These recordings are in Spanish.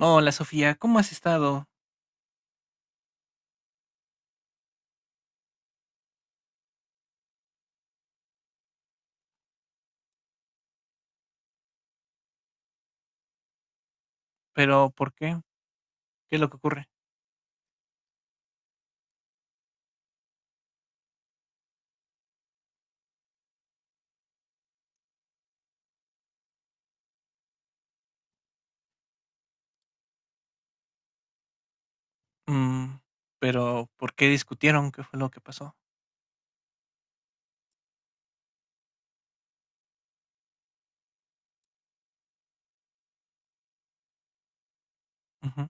Hola Sofía, ¿cómo has estado? ¿Pero por qué? ¿Qué es lo que ocurre? Mm, ¿pero por qué discutieron? ¿Qué fue lo que pasó? Ujú.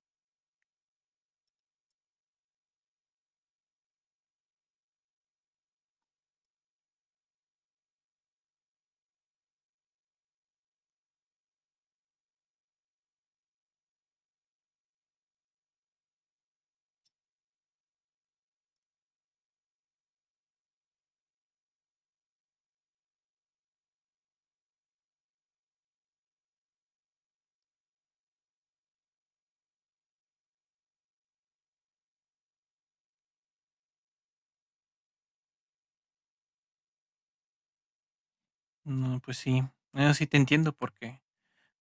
No, pues sí, no, sí te entiendo porque,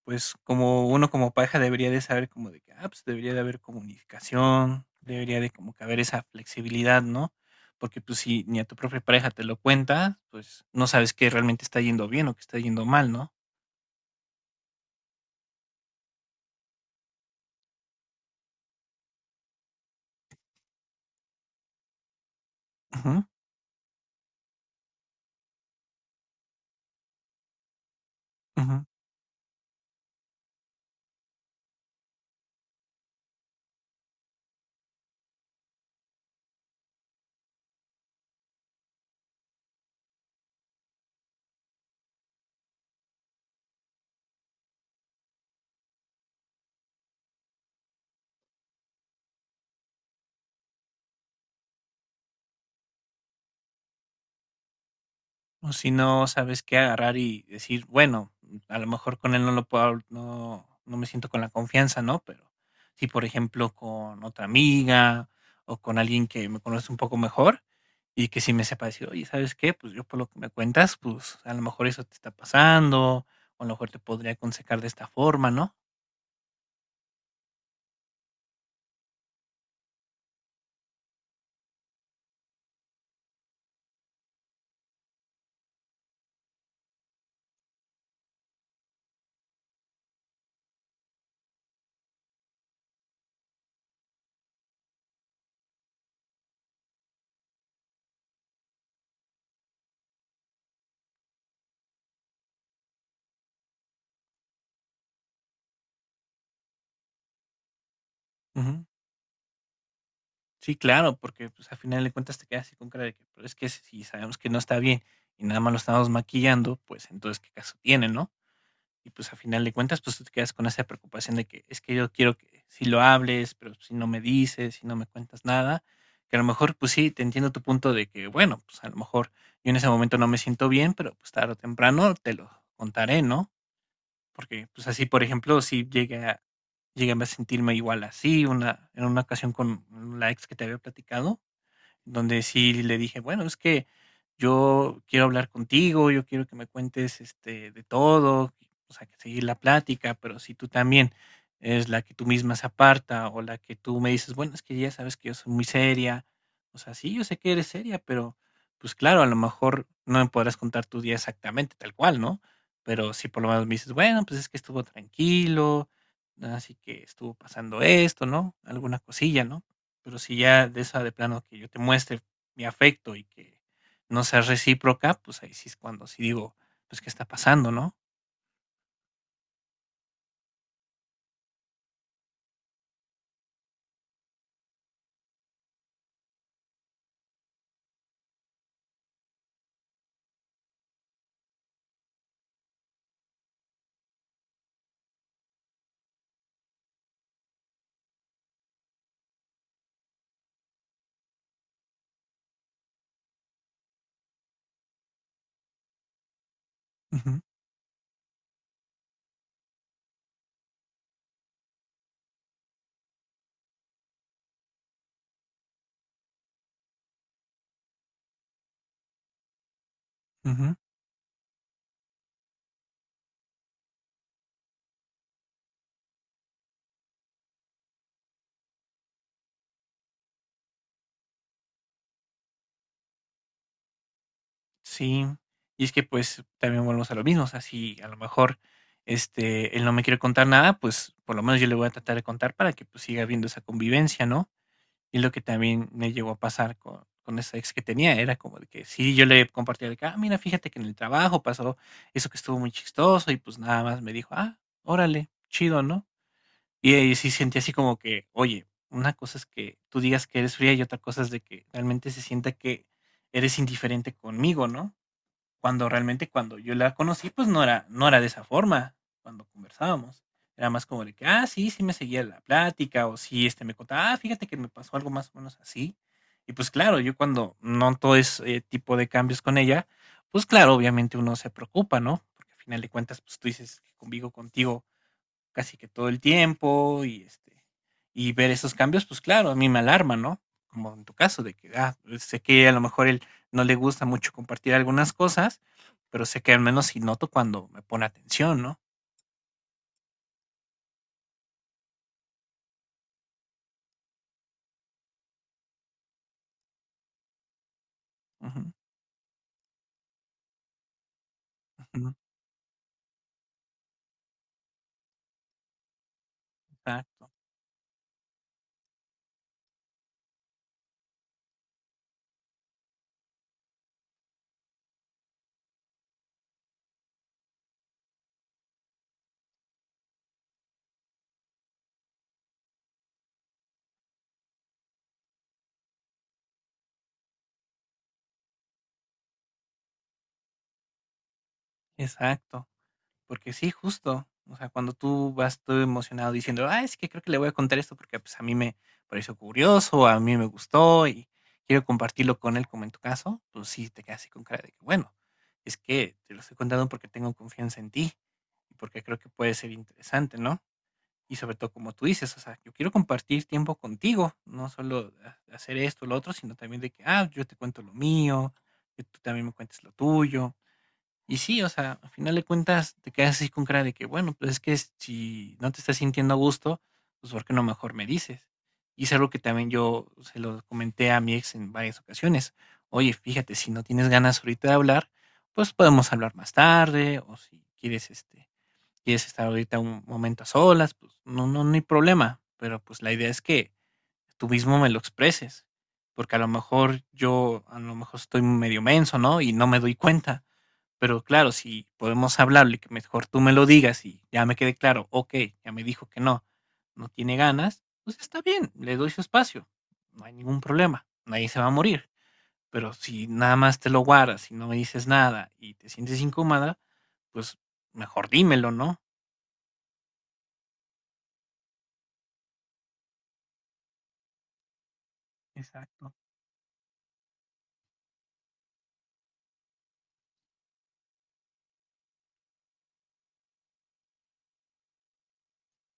pues como uno como pareja debería de saber como de que, ah, pues debería de haber comunicación, debería de como que haber esa flexibilidad, ¿no? Porque pues si ni a tu propia pareja te lo cuenta, pues no sabes que realmente está yendo bien o que está yendo mal, ¿no? Ujú, ujú. O si no sabes qué agarrar y decir, bueno, a lo mejor con él no lo puedo, no, no me siento con la confianza, ¿no? Pero si, por ejemplo, con otra amiga o con alguien que me conoce un poco mejor y que sí me sepa decir, oye, ¿sabes qué? Pues yo por lo que me cuentas, pues a lo mejor eso te está pasando, o a lo mejor te podría aconsejar de esta forma, ¿no? Ujú. Sí, claro, porque pues al final de cuentas te quedas así con cara de que, pero es que si sabemos que no está bien y nada más lo estamos maquillando, pues entonces, ¿qué caso tiene, no? Y pues, a final de cuentas, pues, tú te quedas con esa preocupación de que es que yo quiero que si lo hables, pero si no me dices, si no me cuentas nada, que a lo mejor, pues sí, te entiendo tu punto de que, bueno, pues, a lo mejor yo en ese momento no me siento bien, pero, pues, tarde o temprano te lo contaré, ¿no? Porque, pues, así, por ejemplo, sí llegué a llegué a sentirme igual así, una en una ocasión con la ex que te había platicado donde sí le dije, bueno, es que yo quiero hablar contigo, yo quiero que me cuentes este, de todo, o sea, que seguir la plática, pero si tú también es la que tú misma se aparta o la que tú me dices, bueno, es que ya sabes que yo soy muy seria, o sea, sí, yo sé que eres seria, pero pues claro, a lo mejor no me podrás contar tu día exactamente tal cual, ¿no? Pero si por lo menos me dices, bueno, pues es que estuvo tranquilo, así que estuvo pasando esto, ¿no? Alguna cosilla, ¿no? Pero si ya de esa de plano que yo te muestre mi afecto y que no sea recíproca, pues ahí sí es cuando sí digo, pues, ¿qué está pasando, no? Ujú, ujú. Sí. Y es que, pues, también volvemos a lo mismo, o sea, si a lo mejor, este, él no me quiere contar nada, pues, por lo menos yo le voy a tratar de contar para que, pues, siga habiendo esa convivencia, ¿no? Y lo que también me llegó a pasar con esa ex que tenía, era como de que sí, yo le compartía de que: "Ah, mira, fíjate que en el trabajo pasó eso que estuvo muy chistoso", y pues nada más me dijo: "Ah, órale, chido", ¿no? Y ahí sí sentí así como que, oye, una cosa es que tú digas que eres fría y otra cosa es de que realmente se sienta que eres indiferente conmigo, ¿no? Cuando realmente cuando yo la conocí, pues no era, no era de esa forma cuando conversábamos. Era más como de que, ah, sí, sí me seguía la plática, o sí, este me contaba, ah, fíjate que me pasó algo más o menos así. Y pues claro, yo cuando noto ese tipo de cambios con ella, pues claro, obviamente uno se preocupa, ¿no? Porque al final de cuentas, pues tú dices que convivo contigo casi que todo el tiempo y este y ver esos cambios, pues claro, a mí me alarma, ¿no? Como en tu caso de que ah, sé que a lo mejor él no le gusta mucho compartir algunas cosas, pero sé que al menos sí noto cuando me pone atención, ¿no? Ujú, ujú, exacto, exacto. Porque sí, justo. O sea, cuando tú vas todo emocionado diciendo, ah, es que creo que le voy a contar esto porque pues a mí me pareció curioso, a mí me gustó y quiero compartirlo con él como en tu caso, pues sí, te quedas así con cara de que, bueno, es que te lo estoy contando porque tengo confianza en ti y porque creo que puede ser interesante, ¿no? Y sobre todo como tú dices, o sea, yo quiero compartir tiempo contigo, no solo hacer esto o lo otro, sino también de que, ah, yo te cuento lo mío, que tú también me cuentes lo tuyo y sí, o sea, al final de cuentas te quedas así con cara de que, bueno, pues es que si no te estás sintiendo a gusto, pues ¿por qué no mejor me dices? Y es algo que también yo se lo comenté a mi ex en varias ocasiones. Oye, fíjate, si no tienes ganas ahorita de hablar, pues podemos hablar más tarde, o si quieres, este, quieres estar ahorita un momento a solas, pues no, no, no hay problema. Pero pues la idea es que tú mismo me lo expreses, porque a lo mejor yo, a lo mejor estoy medio menso, ¿no? Y no me doy cuenta pero claro, si podemos hablarlo y que mejor tú me lo digas y ya me quede claro, okey, ya me dijo que no, no tiene ganas, pues está bien, le doy su espacio, no hay ningún problema, nadie se va a morir. Pero si nada más te lo guardas y no me dices nada y te sientes incómoda, pues mejor dímelo, ¿no? Exacto.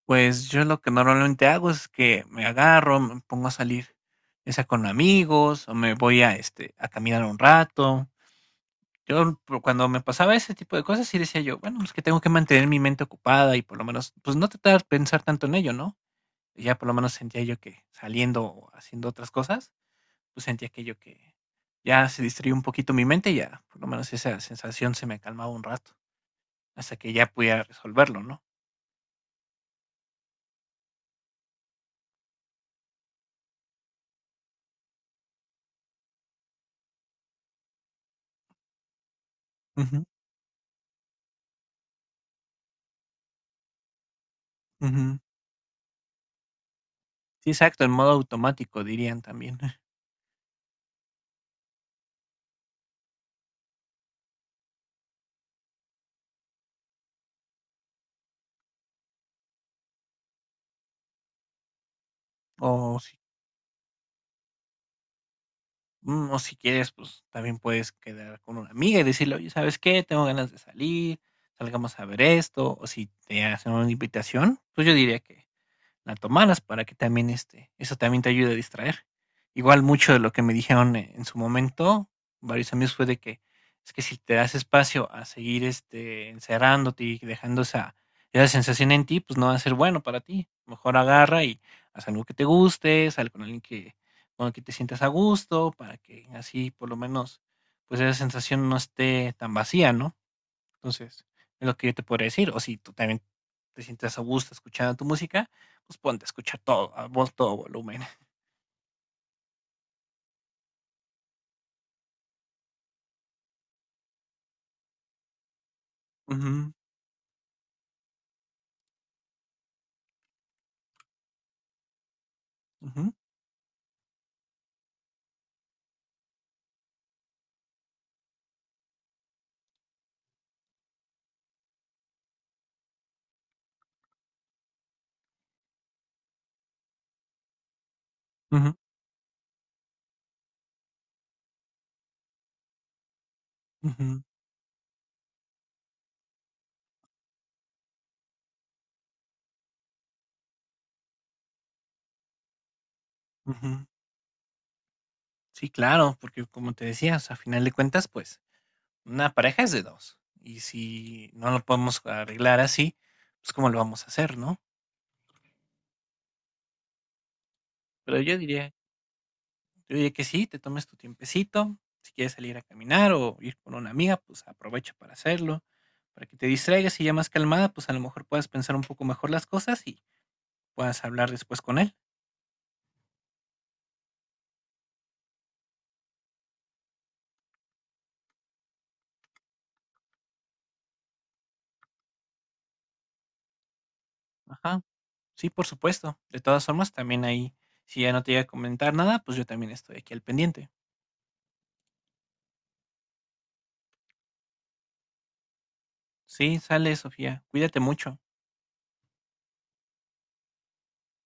Pues yo lo que normalmente hago es que me agarro, me pongo a salir, ya sea con amigos o me voy a, este, a caminar un rato. Yo, cuando me pasaba ese tipo de cosas, sí decía yo, bueno, es que tengo que mantener mi mente ocupada y por lo menos, pues no tratar de pensar tanto en ello, ¿no? Ya por lo menos sentía yo que saliendo o haciendo otras cosas, pues sentía aquello que ya se distraía un poquito mi mente y ya por lo menos esa sensación se me calmaba un rato, hasta que ya pudiera resolverlo, ¿no? Ujú, ujú. Sí, exacto, en modo automático dirían también. O si Mm, o si quieres, pues, también puedes quedar con una amiga y decirle: "Oye, ¿sabes qué? Tengo ganas de salir, salgamos a ver esto", o si te hacen una invitación, pues, yo diría que la tomaras para que también este, eso también te ayude a distraer. Igual mucho de lo que me dijeron en su momento, varios amigos, fue de que es que si te das espacio a seguir este, encerrándote y dejando esa, esa sensación en ti, pues no va a ser bueno para ti. Mejor agarra y haz algo que te guste, sal con alguien que, con el que te sientas a gusto, para que así por lo menos pues esa sensación no esté tan vacía, ¿no? Entonces, es lo que yo te podría decir. O si tú también te sientas a gusto escuchando tu música, pues ponte a escuchar todo, a vol todo volumen. Ujú, ujú, ujú, ujú, ujú. Sí, claro, porque como te decía, o sea, a final de cuentas, pues, una pareja es de 2 y si no lo podemos arreglar así, pues, ¿cómo lo vamos a hacer, no? Pero yo diría que sí, te tomes tu tiempecito, si quieres salir a caminar o ir con una amiga, pues, aprovecha para hacerlo, para que te distraigas y ya más calmada, pues, a lo mejor puedas pensar un poco mejor las cosas y puedas hablar después con él. Ajá. Sí, por supuesto. De todas formas, también ahí, si ya no te llega a comentar nada, pues yo también estoy aquí al pendiente. Sí, sale, Sofía. Cuídate mucho.